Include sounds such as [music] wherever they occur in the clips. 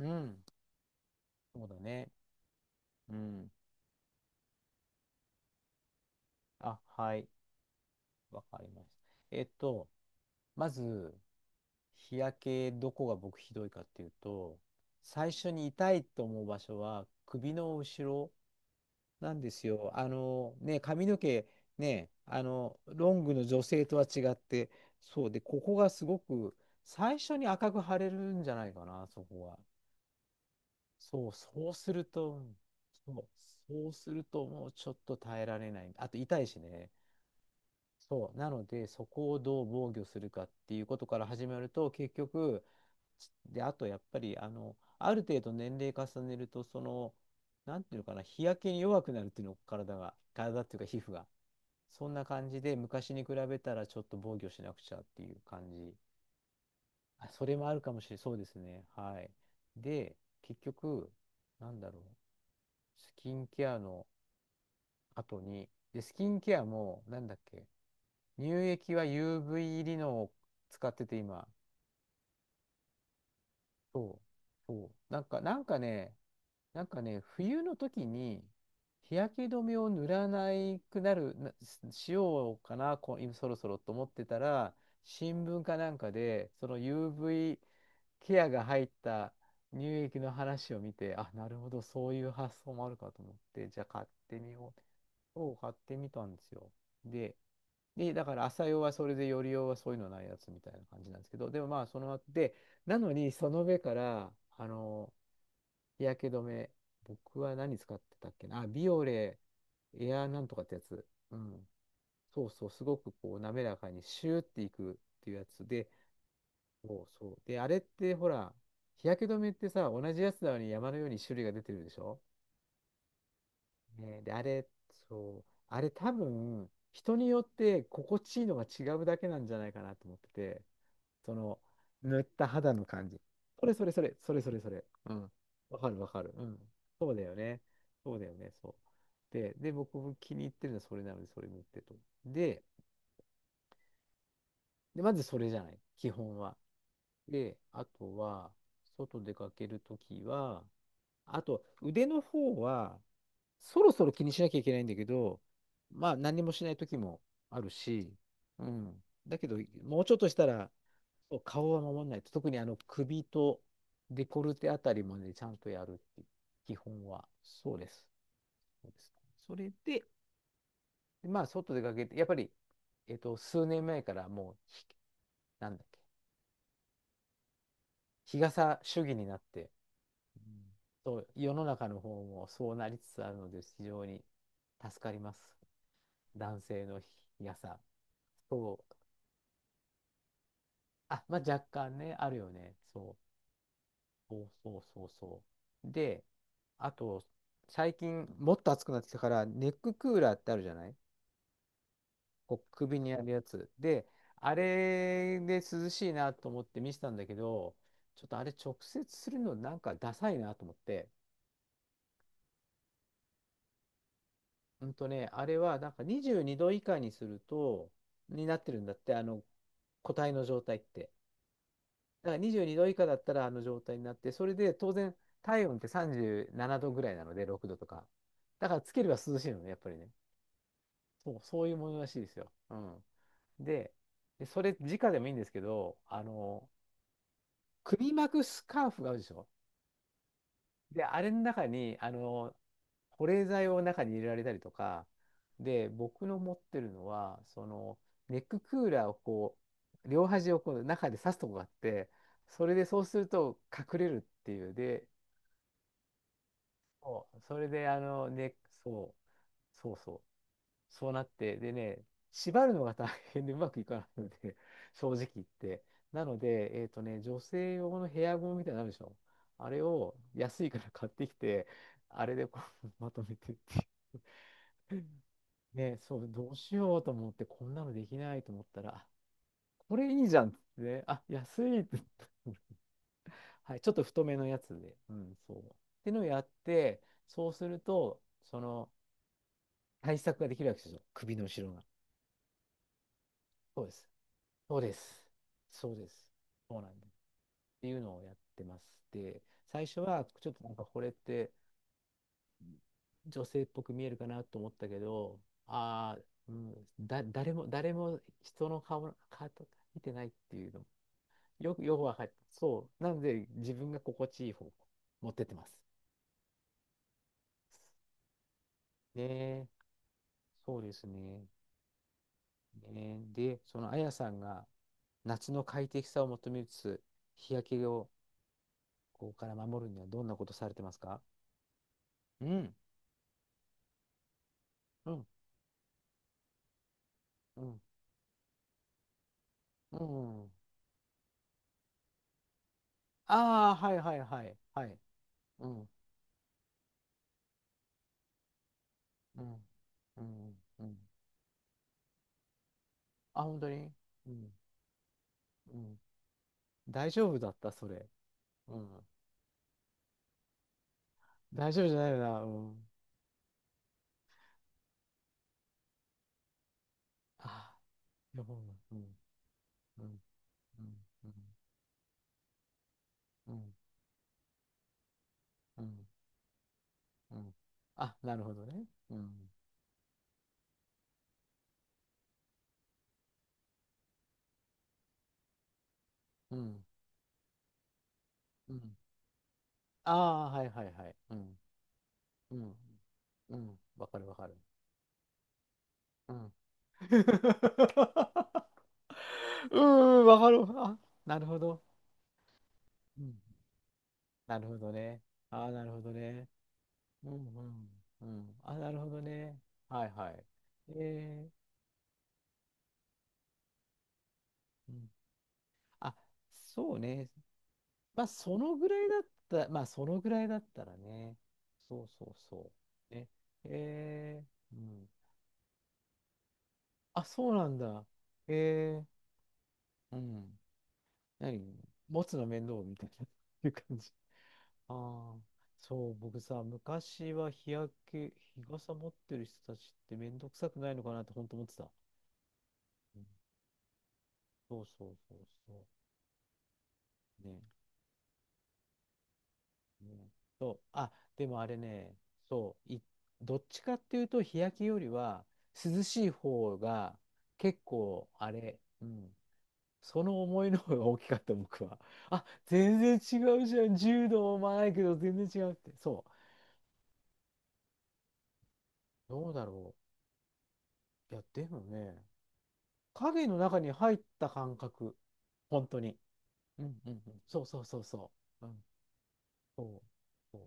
うん、そうだね。うん。あ、はい。わかりました。えっと、まず、日焼け、どこが僕ひどいかっていうと、最初に痛いと思う場所は首の後ろなんですよ。ね、髪の毛、ね、ロングの女性とは違って、そうで、ここがすごく、最初に赤く腫れるんじゃないかな、そこは。そう、そうすると、そう、そうするともうちょっと耐えられない。あと痛いしね。そう。なので、そこをどう防御するかっていうことから始まると、結局、ちで、あとやっぱり、ある程度年齢重ねると、その、なんていうのかな、日焼けに弱くなるっていうの、体が、体っていうか皮膚が。そんな感じで、昔に比べたらちょっと防御しなくちゃっていう感じ。あ、それもあるかもしれそうですね。はい。で、結局、なんだろう、スキンケアの後に、で、スキンケアも、なんだっけ、乳液は UV リノを使ってて今。そう。そう。なんか、なんかね、冬の時に日焼け止めを塗らないくなる、なしようかな、こ、今そろそろと思ってたら、新聞かなんかで、その UV ケアが入った乳液の話を見て、あ、なるほど、そういう発想もあるかと思って、じゃあ買ってみよう。そう、買ってみたんですよ。で、で、だから朝用はそれで、夜用はそういうのないやつみたいな感じなんですけど、でもまあ、その後で、なのに、その上から、あの、日焼け止め、僕は何使ってたっけな、あ、ビオレ、エアなんとかってやつ、うん、そうそう、すごくこう、滑らかにシューっていくっていうやつで、そうそう。で、あれって、ほら、日焼け止めってさ、同じやつなのに山のように種類が出てるでしょ。ね、で、あれ、そう、あれ多分、人によって心地いいのが違うだけなんじゃないかなと思ってて、その、塗った肌の感じ。それそれそれ、それそれそれ。うん。わかるわかる。うん。そうだよね。そうだよね。そう。で、僕も気に入ってるのはそれなので、それ塗ってと。で、で、まずそれじゃない。基本は。で、あとは、外出かけるときは、あと、腕の方は、そろそろ気にしなきゃいけないんだけど、まあ何もしない時もあるし、うん。だけど、もうちょっとしたら、そう顔は守らないと、特に首とデコルテあたりまでちゃんとやるっていう基本は、そうです。そうです。それで、まあ外出かけて、やっぱり、数年前からもうひ、なんだっけ、日傘主義になって、うん、そう世の中の方もそうなりつつあるので、非常に助かります。男性の日傘。そう。あ、まあ、若干ね、あるよね。そう。そうそうそうそう。で、あと、最近、もっと暑くなってきたから、ネッククーラーってあるじゃない。こう首にやるやつ。で、あれで涼しいなと思って見せたんだけど、ちょっとあれ直接するのなんかダサいなと思って。うんとね、あれはなんか22度以下にすると、になってるんだって、個体の状態って。だから22度以下だったらあの状態になって、それで当然体温って37度ぐらいなので、6度とか。だからつければ涼しいのね、やっぱりね。そう、そういうものらしいですよ。うん。で、でそれ、直でもいいんですけど、首巻くスカーフがあるでしょ。で、あれの中に、保冷剤を中に入れられたりとか、で、僕の持ってるのは、その、ネッククーラーをこう、両端をこう中で刺すとこがあって、それでそうすると隠れるっていう。で、そうそれで、ね、そう、そうそう。そうなって、でね、縛るのが大変でうまくいかないので、[laughs] 正直言って。なので、えっとね、女性用のヘアゴムみたいなのあるでしょ。あれを安いから買ってきて、あれでこう [laughs] まとめてっていう。ね、そう、どうしようと思って、こんなのできないと思ったら、あ、これいいじゃんっつってね、あ、安いって言った。 [laughs] はい、ちょっと太めのやつで、うん、そう。ってのをやって、そうすると、その、対策ができるわけですよ、首の後ろが。そうです。そうです。そうです。そうなんです。っていうのをやってます。で、最初はちょっとなんかこれって女性っぽく見えるかなと思ったけど、ああ、うん、だ、誰も人の顔、顔とか見てないっていうの、よくわかる。そう。なので、自分が心地いい方向持ってってます。ねえ、そうですね。ねえ、で、そのあやさんが夏の快適さを求めつつ、日焼けをここから守るにはどんなことされてますか？うん、うん、うん、うん。ああ、はいはいはい、はい。うん、うん、うん、うん。あ、本当に。うん、うん。大丈夫だった、それ。うん。大丈夫じゃないよな、うん。ああ、よ、うん、うん、うん、うん、うん、うん、うん。うん、あ、なるほどね。うん、うん、うん。ああ、はいはいはい。うん、うん、うん。わかるわかる。うん。[laughs] うん、わかる。あ、なるほど。うん。なるほどね。ああ、なるほどね。うんうん。うん。あ、なるほどね。はいはい。えー、うん。あ、そうね。まあ、そのぐらいだった、まあ、そのぐらいだったらね。そうそうそう。ね。えー、うん。あ、そうなんだ。えー、うん。何持つの面倒みたいな、[laughs] いう感じ。ああ、そう、僕さ、昔は日焼け、日傘持ってる人たちって面倒くさくないのかなって本当思ってた。うん、そうそうそうそう。ね。ね。そう。あ、でもあれね、そう。い、どっちかっていうと、日焼けよりは、涼しい方が、結構、あれ、うん。その思いの方が大きかった、僕は。あ、全然違うじゃん。柔道もないけど、全然違うって。そう。どうだろう。いや、でもね、影の中に入った感覚。本当に。うんうんうん。そうそうそうそう。うん。そう。そう、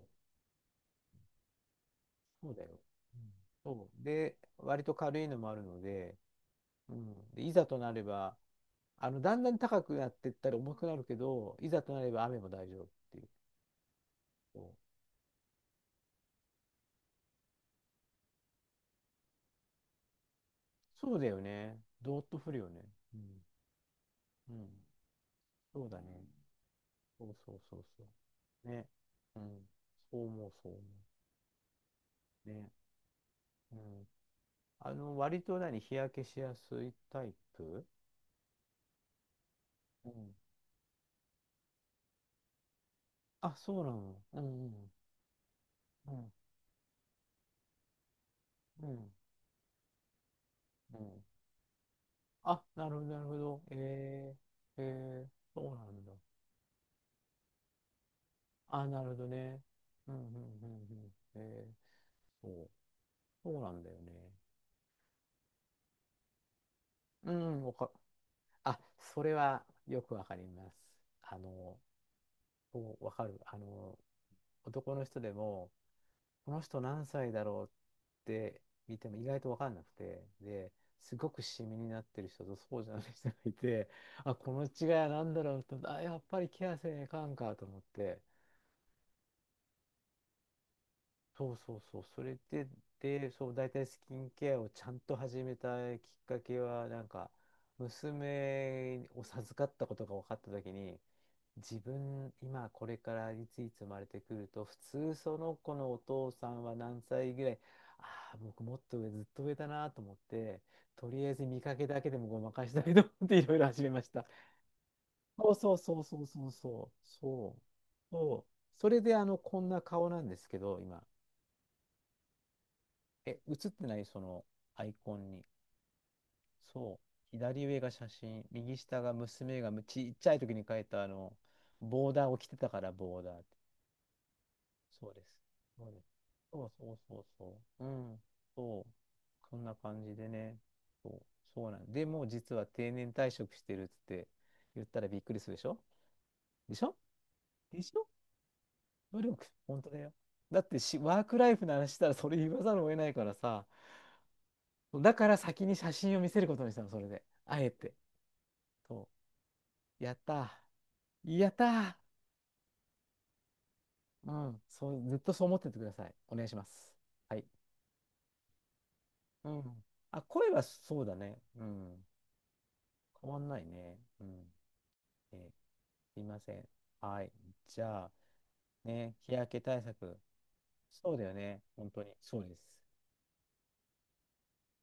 そうだよ。うん、そう。で、割と軽いのもあるので、うん。で、いざとなれば、だんだん高くなっていったら重くなるけど、いざとなれば雨も大丈夫っていう。そう、そうだよね。どーっと降るよね。うん。うん。そうだね。そうそうそうそう。ね。うん。そう思う。ね。うん。割と何、日焼けしやすいタイプ？うん。あ、そうなの。うんうん。うん。うん。うん、あ、なるほど、なるほど。えー、えー、そうなんだ。あ、なるほどね。うん、うん、うん、うん。えー、そう、そうなんだよね。うん、わか、あ、それはよくわかります。あの、そう、わかる。男の人でも、この人何歳だろうって見ても意外とわかんなくて、で、すごくシミになってる人とそうじゃない人がいて、あ、この違いは何だろうと、あ、やっぱりケアせねえかんかと思って、そうそうそう、それで、で、そう、大体スキンケアをちゃんと始めたきっかけは、なんか、娘を授かったことが分かった時に、自分、今これからいついつ生まれてくると、普通その子のお父さんは何歳ぐらい、ああ、僕もっと上、ずっと上だなと思って、とりあえず見かけだけでもごまかしたいと思っていろいろ始めました。そうそうそうそうそうそう、そう、そう。それでこんな顔なんですけど、今。え、映ってないそのアイコンに。そう。左上が写真、右下が娘がむちっちゃい時に描いたボーダーを着てたから、ボーダーって。そうです。そうです。そうそうそうそう。うん。そう。そんな感じでね。そう。そうなんで、もう実は定年退職してるっつって言ったらびっくりするでしょ？でしょ？でしょ？努力。本当だよ。だってし、ワークライフの話したらそれ言わざるを得ないからさ、だから先に写真を見せることにしたの、それで。あえて。そう。やったー。やったー。うん。そう、ずっとそう思っててください。お願いします。はい。うん。あ、声はそうだね。うん。変わんないね。うん。えー、すいません。はい。じゃあ、ね、日焼け対策。そうだよね。本当に。そうです。